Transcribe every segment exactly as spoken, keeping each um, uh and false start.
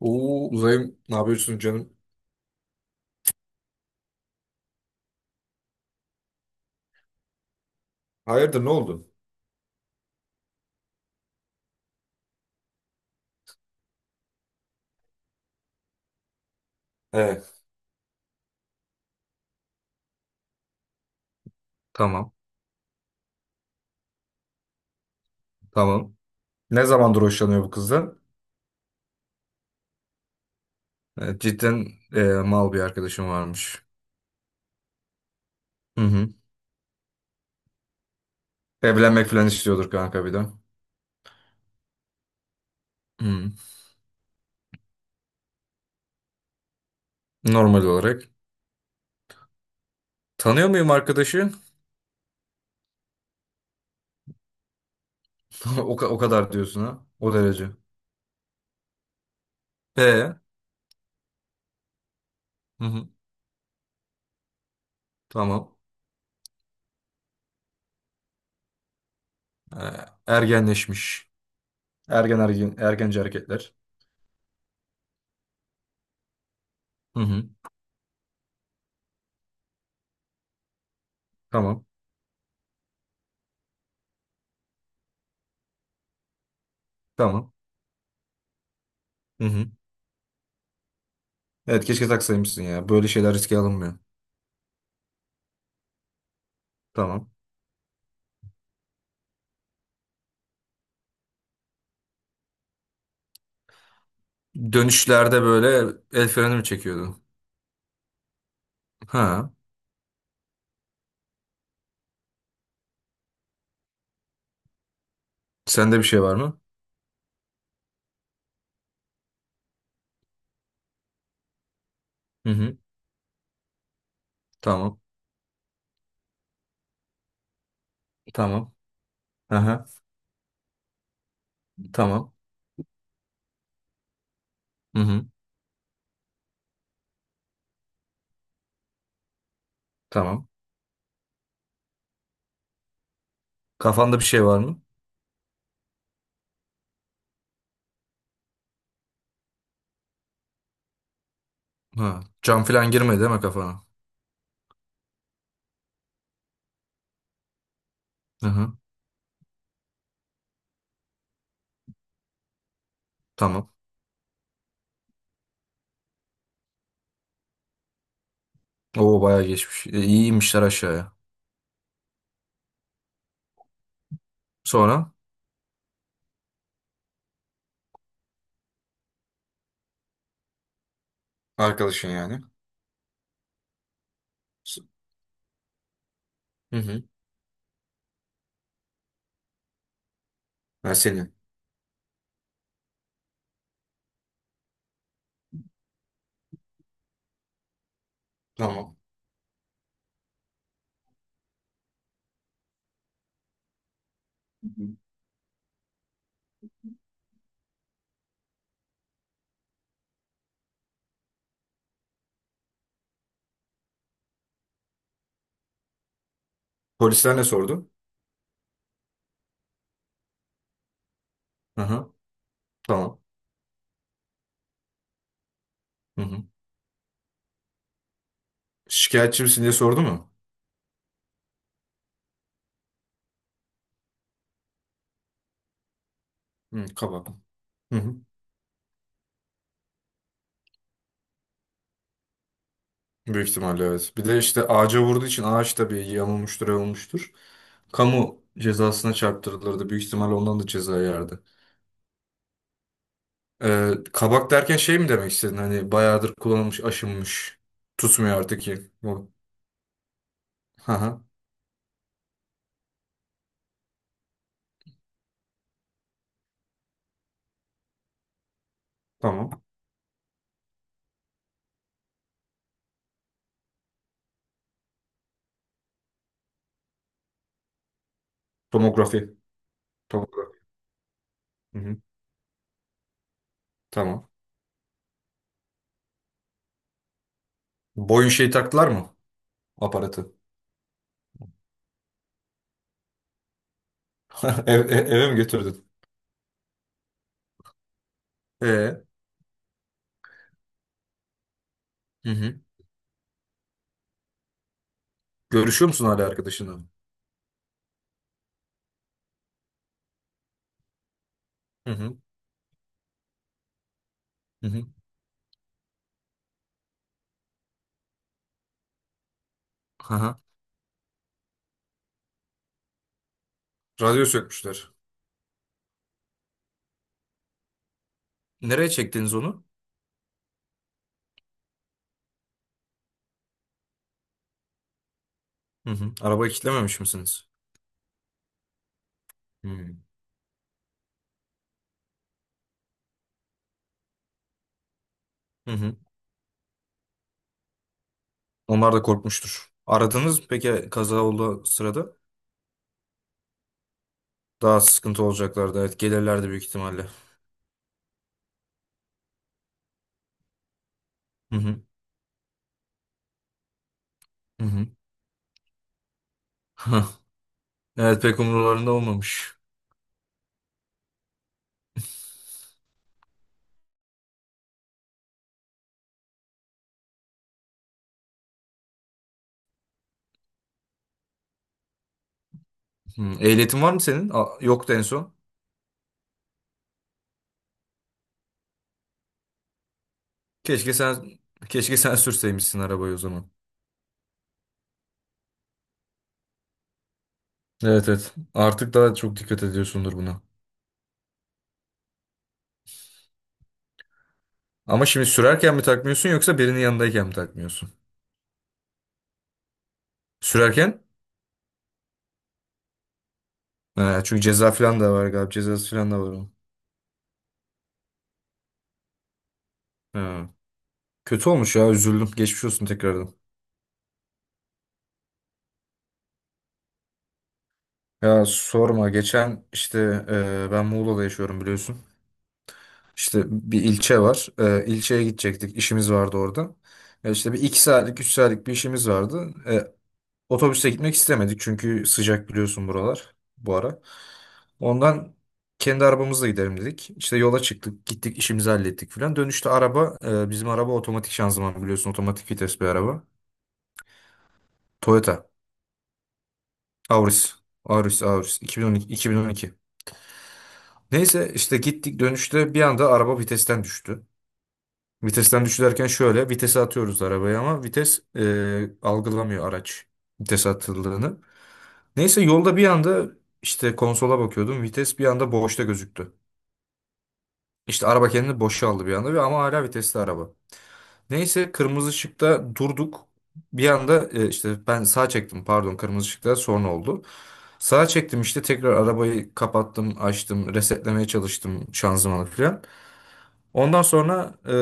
Oo Uzay'ım ne yapıyorsun canım? Hayırdır ne oldu? Evet. Tamam. Ne zamandır hoşlanıyor bu kızdan? Ee, cidden e, mal bir arkadaşım varmış. Hı hı. Evlenmek falan istiyordur kanka bir de. Hı. Normal olarak. Tanıyor muyum arkadaşı? O, ka- o kadar diyorsun ha. O derece. E. Hı hı. Tamam. Ee, ergenleşmiş. Ergen ergen ergenci hareketler. Hı hı. Tamam. Tamam. Hı hı. Evet, keşke taksaymışsın ya. Böyle şeyler riske alınmıyor. Tamam. Dönüşlerde böyle el freni mi çekiyordun? Ha. Sende bir şey var mı? Hı hı. Tamam. Tamam. Aha. Tamam. Hı hı. Tamam. Kafanda bir şey var mı? Ha. Cam falan girmedi değil mi kafana? Hı hı. Tamam. Oo bayağı geçmiş. E, iyi inmişler aşağıya. Sonra? Arkadaşın yani. Hı hı. Ben seni. Tamam. Hı hı. Polisler ne sordu? Hı hı. Tamam. Hı hı. Şikayetçi misin diye sordu mu? Hı, kaba. Hı hı. Büyük ihtimalle evet. Bir de işte ağaca vurduğu için ağaç tabii yamulmuştur, yamulmuştur. Kamu cezasına çarptırılırdı. Büyük ihtimalle ondan da ceza yerdi. Ee, kabak derken şey mi demek istedin? Hani bayağıdır kullanılmış, aşınmış. Tutmuyor artık ki bu. Hı hı. Tamam. Tomografi. Tomografi. Hı hı. Tamam. Boyun şeyi taktılar mı? Aparatı. Ev, e- eve mi götürdün? Ee, hı hı. Görüşüyor musun hala arkadaşınla? Hı hı. Hı hı. Hı hı. Radyo sökmüşler. Nereye çektiniz onu? Hı hı. Arabayı kilitlememiş misiniz? Hı. Hı hı. Onlar da korkmuştur. Aradınız mı peki kaza olduğu sırada? Daha sıkıntı olacaklardı. Evet, gelirlerdi büyük ihtimalle. Hı hı. Hı hı. Hah. Evet, pek umurlarında olmamış. Hı. Ehliyetin var mı senin? Aa, yoktu en son. Keşke sen keşke sen sürseymişsin arabayı o zaman. Evet, evet. Artık daha çok dikkat ediyorsundur buna. Ama şimdi sürerken mi takmıyorsun yoksa birinin yanındayken mi takmıyorsun? Sürerken? Ha, çünkü ceza falan da var galiba. Cezası falan da var onun. Ha. Kötü olmuş ya üzüldüm. Geçmiş olsun tekrardan. Ya sorma, geçen işte e, ben Muğla'da yaşıyorum biliyorsun. İşte bir ilçe var. E, ilçeye gidecektik. İşimiz vardı orada. Ya işte bir iki saatlik üç saatlik bir işimiz vardı. E, otobüste gitmek istemedik çünkü sıcak biliyorsun buralar bu ara. Ondan kendi arabamızla gidelim dedik. İşte yola çıktık gittik işimizi hallettik falan. Dönüşte araba e, bizim araba otomatik şanzıman biliyorsun, otomatik vites bir araba. Toyota Auris. Auris Auris iki bin on iki, iki bin on iki. Neyse işte gittik, dönüşte bir anda araba vitesten düştü. Vitesten düştü derken şöyle, vitese atıyoruz arabaya ama vites e, algılamıyor araç vitese atıldığını. Neyse yolda bir anda işte konsola bakıyordum, vites bir anda boşta gözüktü. İşte araba kendini boşa aldı bir anda ve ama hala vitesli araba. Neyse kırmızı ışıkta durduk. Bir anda e, işte ben sağ çektim, pardon kırmızı ışıkta sonra oldu. Sağa çektim işte, tekrar arabayı kapattım açtım, resetlemeye çalıştım şanzımanı falan. Ondan sonra e,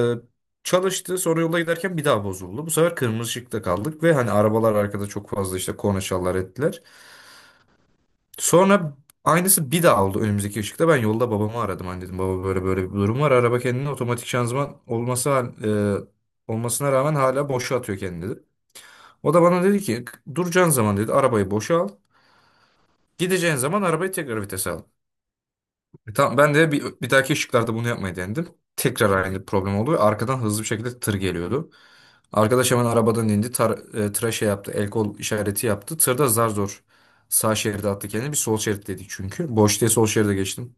çalıştı. Sonra yolda giderken bir daha bozuldu. Bu sefer kırmızı ışıkta kaldık ve hani arabalar arkada çok fazla işte korna çalar ettiler. Sonra aynısı bir daha oldu önümüzdeki ışıkta. Ben yolda babamı aradım. Hani dedim baba böyle böyle bir durum var. Araba kendini otomatik şanzıman olması hal- e, olmasına rağmen hala boşa atıyor kendini dedi. O da bana dedi ki duracağın zaman dedi arabayı boşa al. Gideceğin zaman arabayı tekrar vitese al. E, tamam, ben de bir, bir dahaki ışıklarda bunu yapmayı denedim. Tekrar aynı problem oldu ve arkadan hızlı bir şekilde tır geliyordu. Arkadaş hemen arabadan indi. Tar e, tıra şey yaptı. El kol işareti yaptı. Tırda zar zor sağ şeride attı kendini. Bir sol şeritteydik çünkü. Boş diye sol şeride geçtim.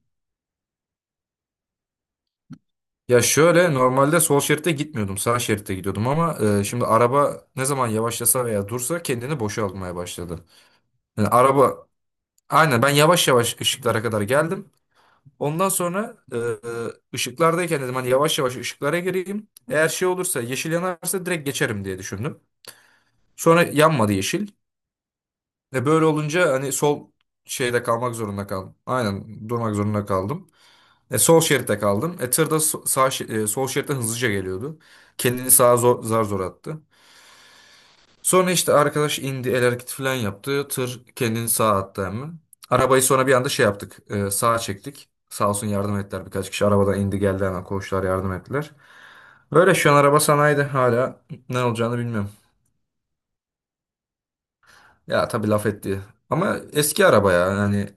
Ya şöyle normalde sol şeritte gitmiyordum. Sağ şeritte gidiyordum ama e, şimdi araba ne zaman yavaşlasa veya dursa kendini boşa almaya başladı. Yani araba aynen ben yavaş yavaş ışıklara kadar geldim. Ondan sonra e, e, ışıklardayken dedim hani yavaş yavaş ışıklara gireyim. Eğer şey olursa, yeşil yanarsa direkt geçerim diye düşündüm. Sonra yanmadı yeşil. E böyle olunca hani sol şeyde kalmak zorunda kaldım. Aynen durmak zorunda kaldım. E sol şeritte kaldım. E tır da so- sağ şe- e, sol şeritte hızlıca geliyordu. Kendini sağa zor, zar zor attı. Sonra işte arkadaş indi el hareketi falan yaptı. Tır kendini sağa attı hemen. Arabayı sonra bir anda şey yaptık. E, sağa çektik. Sağ olsun yardım ettiler. Birkaç kişi arabadan indi geldi hemen, koçlar yardım ettiler. Böyle şu an araba sanayide, hala ne olacağını bilmiyorum. Ya tabii laf etti. Ama eski araba ya yani.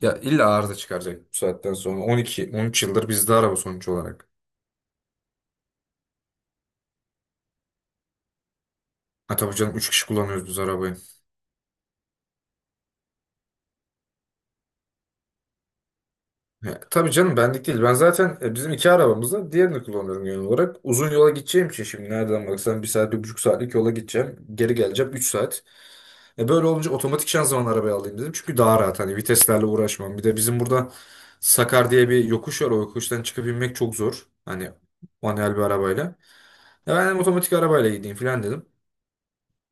Ya illa arıza çıkaracak bu saatten sonra. on iki, on üç yıldır bizde araba sonuç olarak. Ha, tabii canım, üç kişi kullanıyoruz biz arabayı. Ya, tabii canım benlik değil. Ben zaten e, bizim iki arabamız var. Diğerini kullanıyorum genel olarak. Uzun yola gideceğim için şimdi nereden baksan bir saat, bir buçuk saatlik yola gideceğim. Geri geleceğim üç saat. E, böyle olunca otomatik şanzıman arabayı alayım dedim. Çünkü daha rahat, hani viteslerle uğraşmam. Bir de bizim burada Sakar diye bir yokuş var. O yokuştan çıkıp inmek çok zor, hani manuel bir arabayla. Ya ben dedim otomatik arabayla gideyim falan dedim.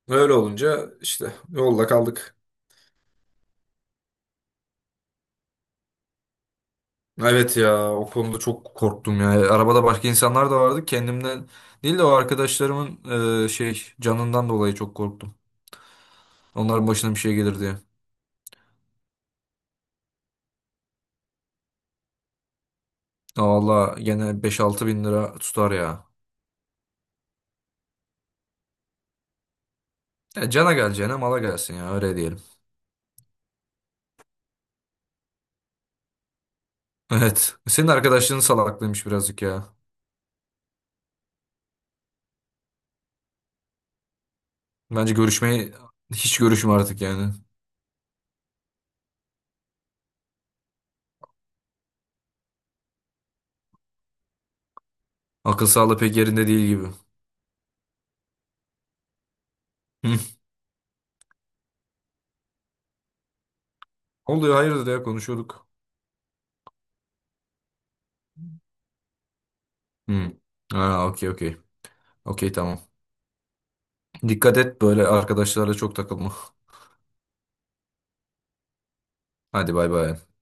Öyle olunca işte yolda kaldık. Evet ya, o konuda çok korktum ya. Arabada başka insanlar da vardı. Kendimden değil de o arkadaşlarımın e, şey canından dolayı çok korktum. Onların başına bir şey gelir diye. Ya valla gene beş altı bin lira tutar ya. Ya cana geleceğine mala gelsin ya, öyle diyelim. Evet. Senin arkadaşlığın salaklıymış birazcık ya. Bence görüşmeyi hiç görüşme artık yani. Akıl sağlığı pek yerinde değil gibi. Hı. Oluyor, hayırdır ya, konuşuyorduk. Hı. Ha, okey okey. Okey tamam. Dikkat et, böyle arkadaşlarla çok takılma. Hadi bay bay.